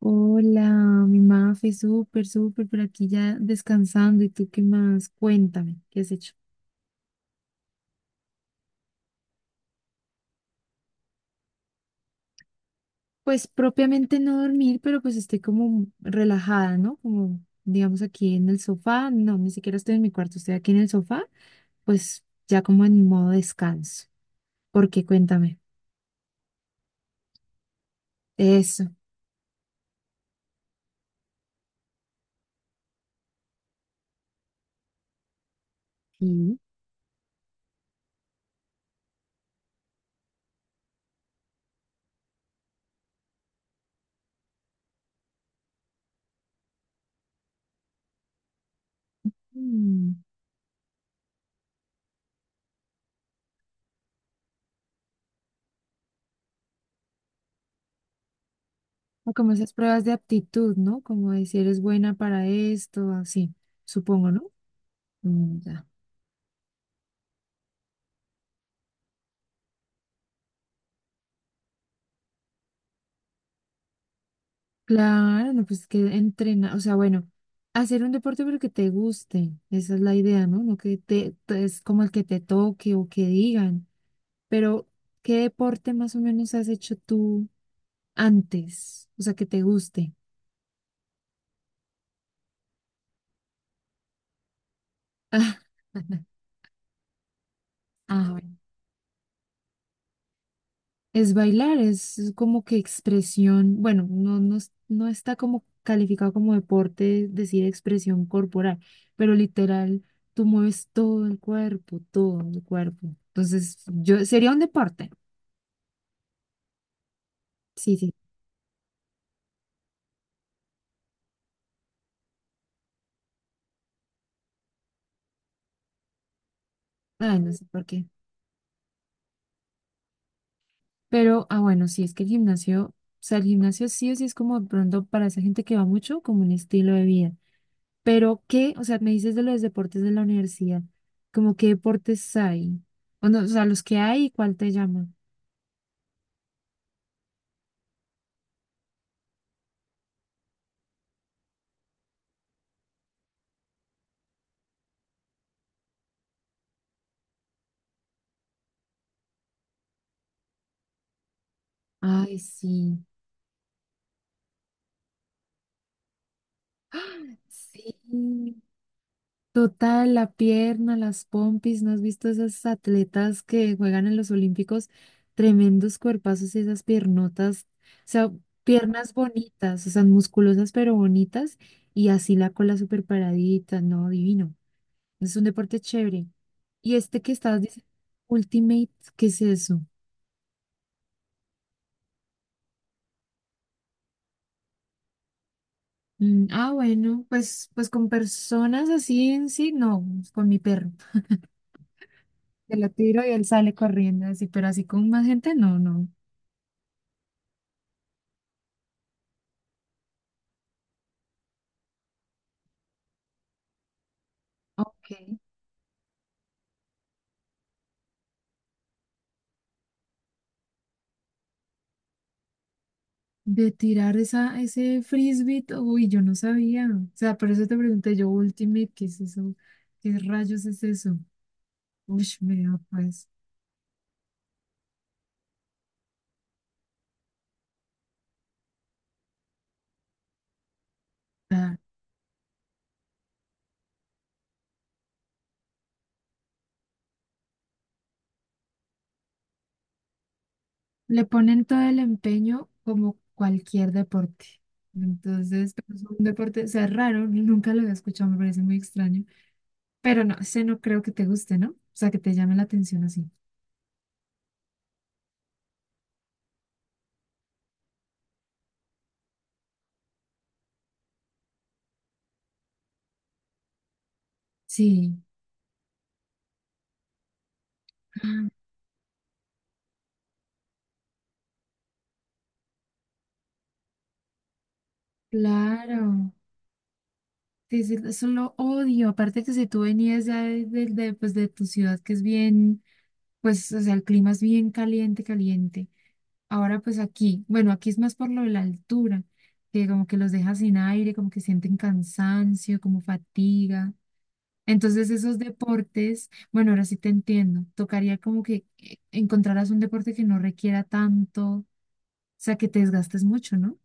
Hola, mi Mafe, súper, súper, por aquí ya descansando. ¿Y tú qué más? Cuéntame, ¿qué has hecho? Pues propiamente no dormir, pero pues estoy como relajada, ¿no? Como digamos aquí en el sofá, no, ni siquiera estoy en mi cuarto, estoy aquí en el sofá, pues ya como en modo descanso. ¿Por qué? Cuéntame. Eso. Sí. Mm, o como esas pruebas de aptitud, ¿no? Como de si eres buena para esto, así, supongo, ¿no? Mm, ya. Claro, no, pues que entrena, o sea, bueno, hacer un deporte pero que te guste, esa es la idea, ¿no? No que te, es como el que te toque o que digan, pero ¿qué deporte más o menos has hecho tú antes? O sea, que te guste. Ah, ah, bueno. Es bailar, es como que expresión, bueno, no, no, no está como calificado como deporte decir expresión corporal, pero literal, tú mueves todo el cuerpo, todo el cuerpo. Entonces, yo sería un deporte. Sí, sí. Ay, no sé por qué. Pero, ah, bueno, sí, es que el gimnasio, o sea, el gimnasio sí o sí es como de pronto para esa gente que va mucho, como un estilo de vida. Pero, ¿qué? O sea, me dices de los deportes de la universidad, como qué deportes hay. O, no, o sea, los que hay, ¿cuál te llama? Ay, sí. ¡Ah! Sí, total, la pierna, las pompis, ¿no has visto esas atletas que juegan en los Olímpicos? Tremendos cuerpazos y esas piernotas, o sea, piernas bonitas, o sea, musculosas pero bonitas y así la cola súper paradita, no, divino. Es un deporte chévere. Y este que estás diciendo, Ultimate, ¿qué es eso? Mm, ah, bueno, pues, pues con personas así en sí, no, con mi perro. Se lo tiro y él sale corriendo así, pero así con más gente, no, no. Ok. De tirar esa, ese frisbee, uy, yo no sabía. O sea, por eso te pregunté yo, Ultimate, ¿qué es eso? ¿Qué rayos es eso? Uy, mira, pues. Ah, le ponen todo el empeño como cualquier deporte. Entonces, pero es un deporte, o sea, es raro, nunca lo había escuchado, me parece muy extraño. Pero no, ese no creo que te guste, ¿no? O sea, que te llame la atención así. Sí. Ah, claro. Sí, sí, eso lo odio. Aparte que si tú venías ya de, de, pues, de tu ciudad, que es bien, pues, o sea, el clima es bien caliente, caliente. Ahora, pues aquí, bueno, aquí es más por lo de la altura, que como que los deja sin aire, como que sienten cansancio, como fatiga. Entonces, esos deportes, bueno, ahora sí te entiendo. Tocaría como que encontraras un deporte que no requiera tanto, o sea, que te desgastes mucho, ¿no?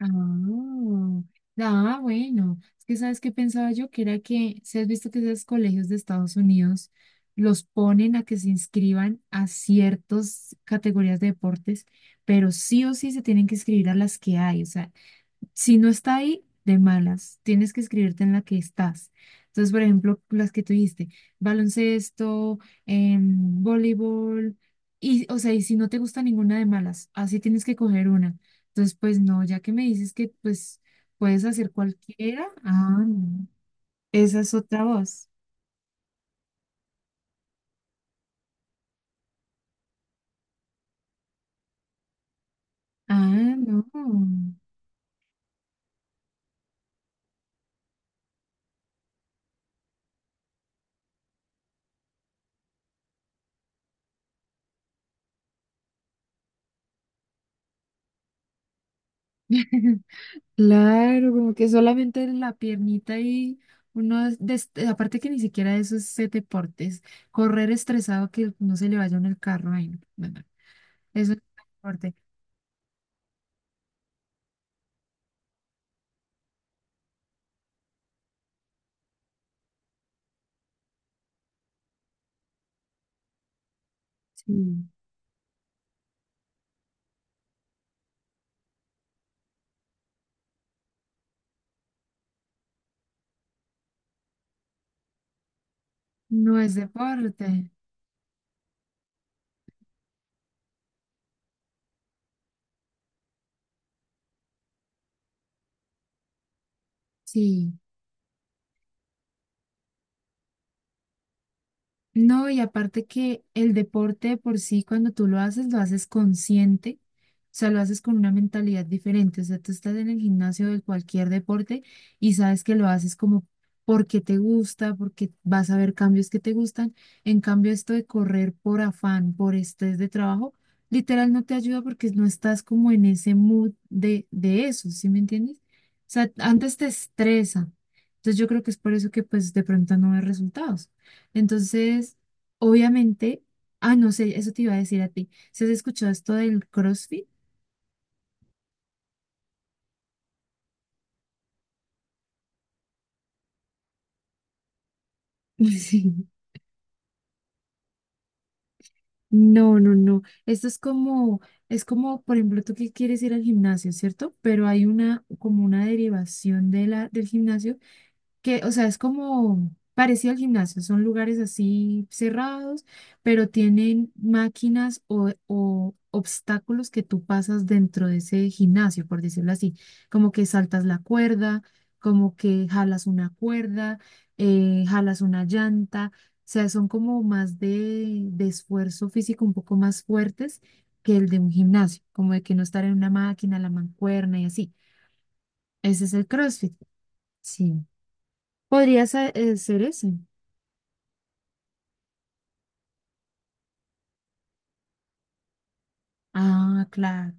Ah, ah, bueno, es que sabes qué pensaba yo, que era que, si has visto que esos colegios de Estados Unidos los ponen a que se inscriban a ciertas categorías de deportes, pero sí o sí se tienen que inscribir a las que hay, o sea, si no está ahí, de malas, tienes que escribirte en la que estás. Entonces, por ejemplo, las que tuviste, baloncesto, voleibol, y, o sea, y si no te gusta ninguna de malas, así tienes que coger una. Entonces, pues no, ya que me dices que pues puedes hacer cualquiera, ah, no, esa es otra voz. Ah, no. Claro, como que solamente la piernita y uno, es aparte que ni siquiera eso es ese deporte, es correr estresado que no se le vaya en el carro. Ay, no, no, no, eso no es deporte. Sí. No es deporte. Sí. No, y aparte que el deporte de por sí, cuando tú lo haces consciente, o sea, lo haces con una mentalidad diferente, o sea, tú estás en el gimnasio de cualquier deporte y sabes que lo haces como porque te gusta, porque vas a ver cambios que te gustan, en cambio esto de correr por afán, por estrés de trabajo, literal no te ayuda porque no estás como en ese mood de eso, ¿sí me entiendes? O sea, antes te estresa, entonces yo creo que es por eso que pues de pronto no ves resultados. Entonces, obviamente, ah, no sé, eso te iba a decir a ti. ¿Se has escuchado esto del CrossFit? Sí. No, no, no. Esto es como, por ejemplo, tú que quieres ir al gimnasio, ¿cierto? Pero hay una, como una derivación de la, del gimnasio que, o sea, es como parecido al gimnasio, son lugares así cerrados, pero tienen máquinas o obstáculos que tú pasas dentro de ese gimnasio, por decirlo así, como que saltas la cuerda, como que jalas una cuerda, jalas una llanta, o sea, son como más de esfuerzo físico un poco más fuertes que el de un gimnasio, como de que no estar en una máquina, la mancuerna y así. Ese es el CrossFit. Sí. Podría ser, ser ese. Ah, claro.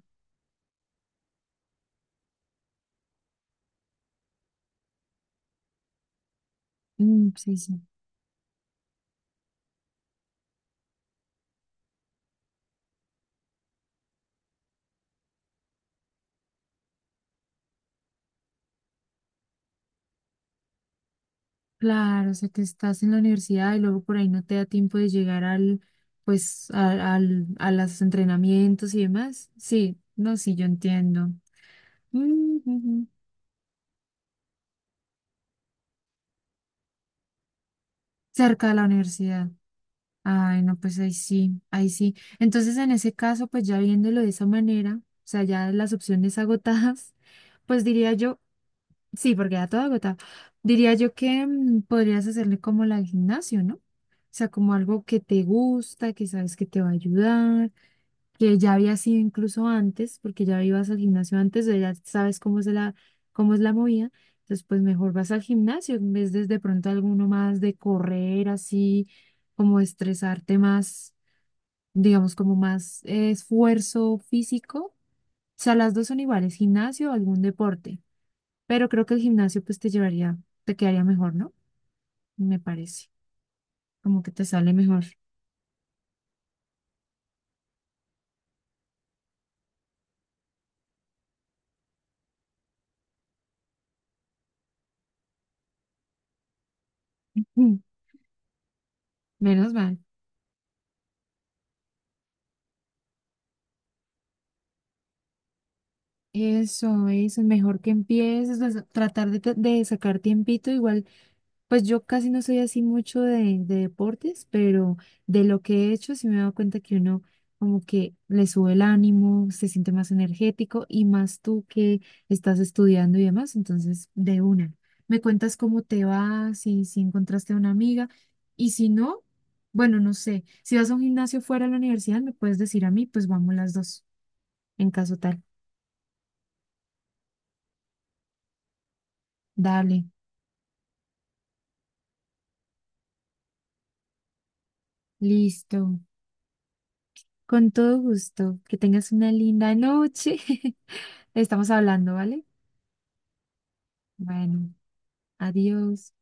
Mm, sí, sí. Claro, o sea que estás en la universidad y luego por ahí no te da tiempo de llegar al, pues, a, al, a los entrenamientos y demás. Sí, no, sí, yo entiendo. Mm, ujú. Cerca de la universidad. Ay, no, pues ahí sí, ahí sí. Entonces, en ese caso, pues ya viéndolo de esa manera, o sea, ya las opciones agotadas, pues diría yo. Sí, porque ya todo agotado. Diría yo que mm, podrías hacerle como la del gimnasio, ¿no? O sea, como algo que te gusta, que sabes que te va a ayudar, que ya había sido incluso antes, porque ya ibas al gimnasio antes, o ya sabes cómo es la movida. Entonces, pues mejor vas al gimnasio en vez de pronto alguno más de correr así, como estresarte más, digamos, como más esfuerzo físico. O sea, las dos son iguales, gimnasio o algún deporte. Pero creo que el gimnasio pues te llevaría, te quedaría mejor, ¿no? Me parece, como que te sale mejor. Mm, menos mal. Eso es mejor que empieces a tratar de, de sacar tiempito. Igual pues yo casi no soy así mucho de deportes, pero de lo que he hecho sí me he dado cuenta que uno como que le sube el ánimo, se siente más energético y más tú que estás estudiando y demás, entonces de una. Me cuentas cómo te va, si, si encontraste a una amiga y si no, bueno, no sé, si vas a un gimnasio fuera de la universidad me puedes decir a mí, pues vamos las dos, en caso tal. Dale, listo. Con todo gusto. Que tengas una linda noche. Estamos hablando, ¿vale? Bueno, adiós.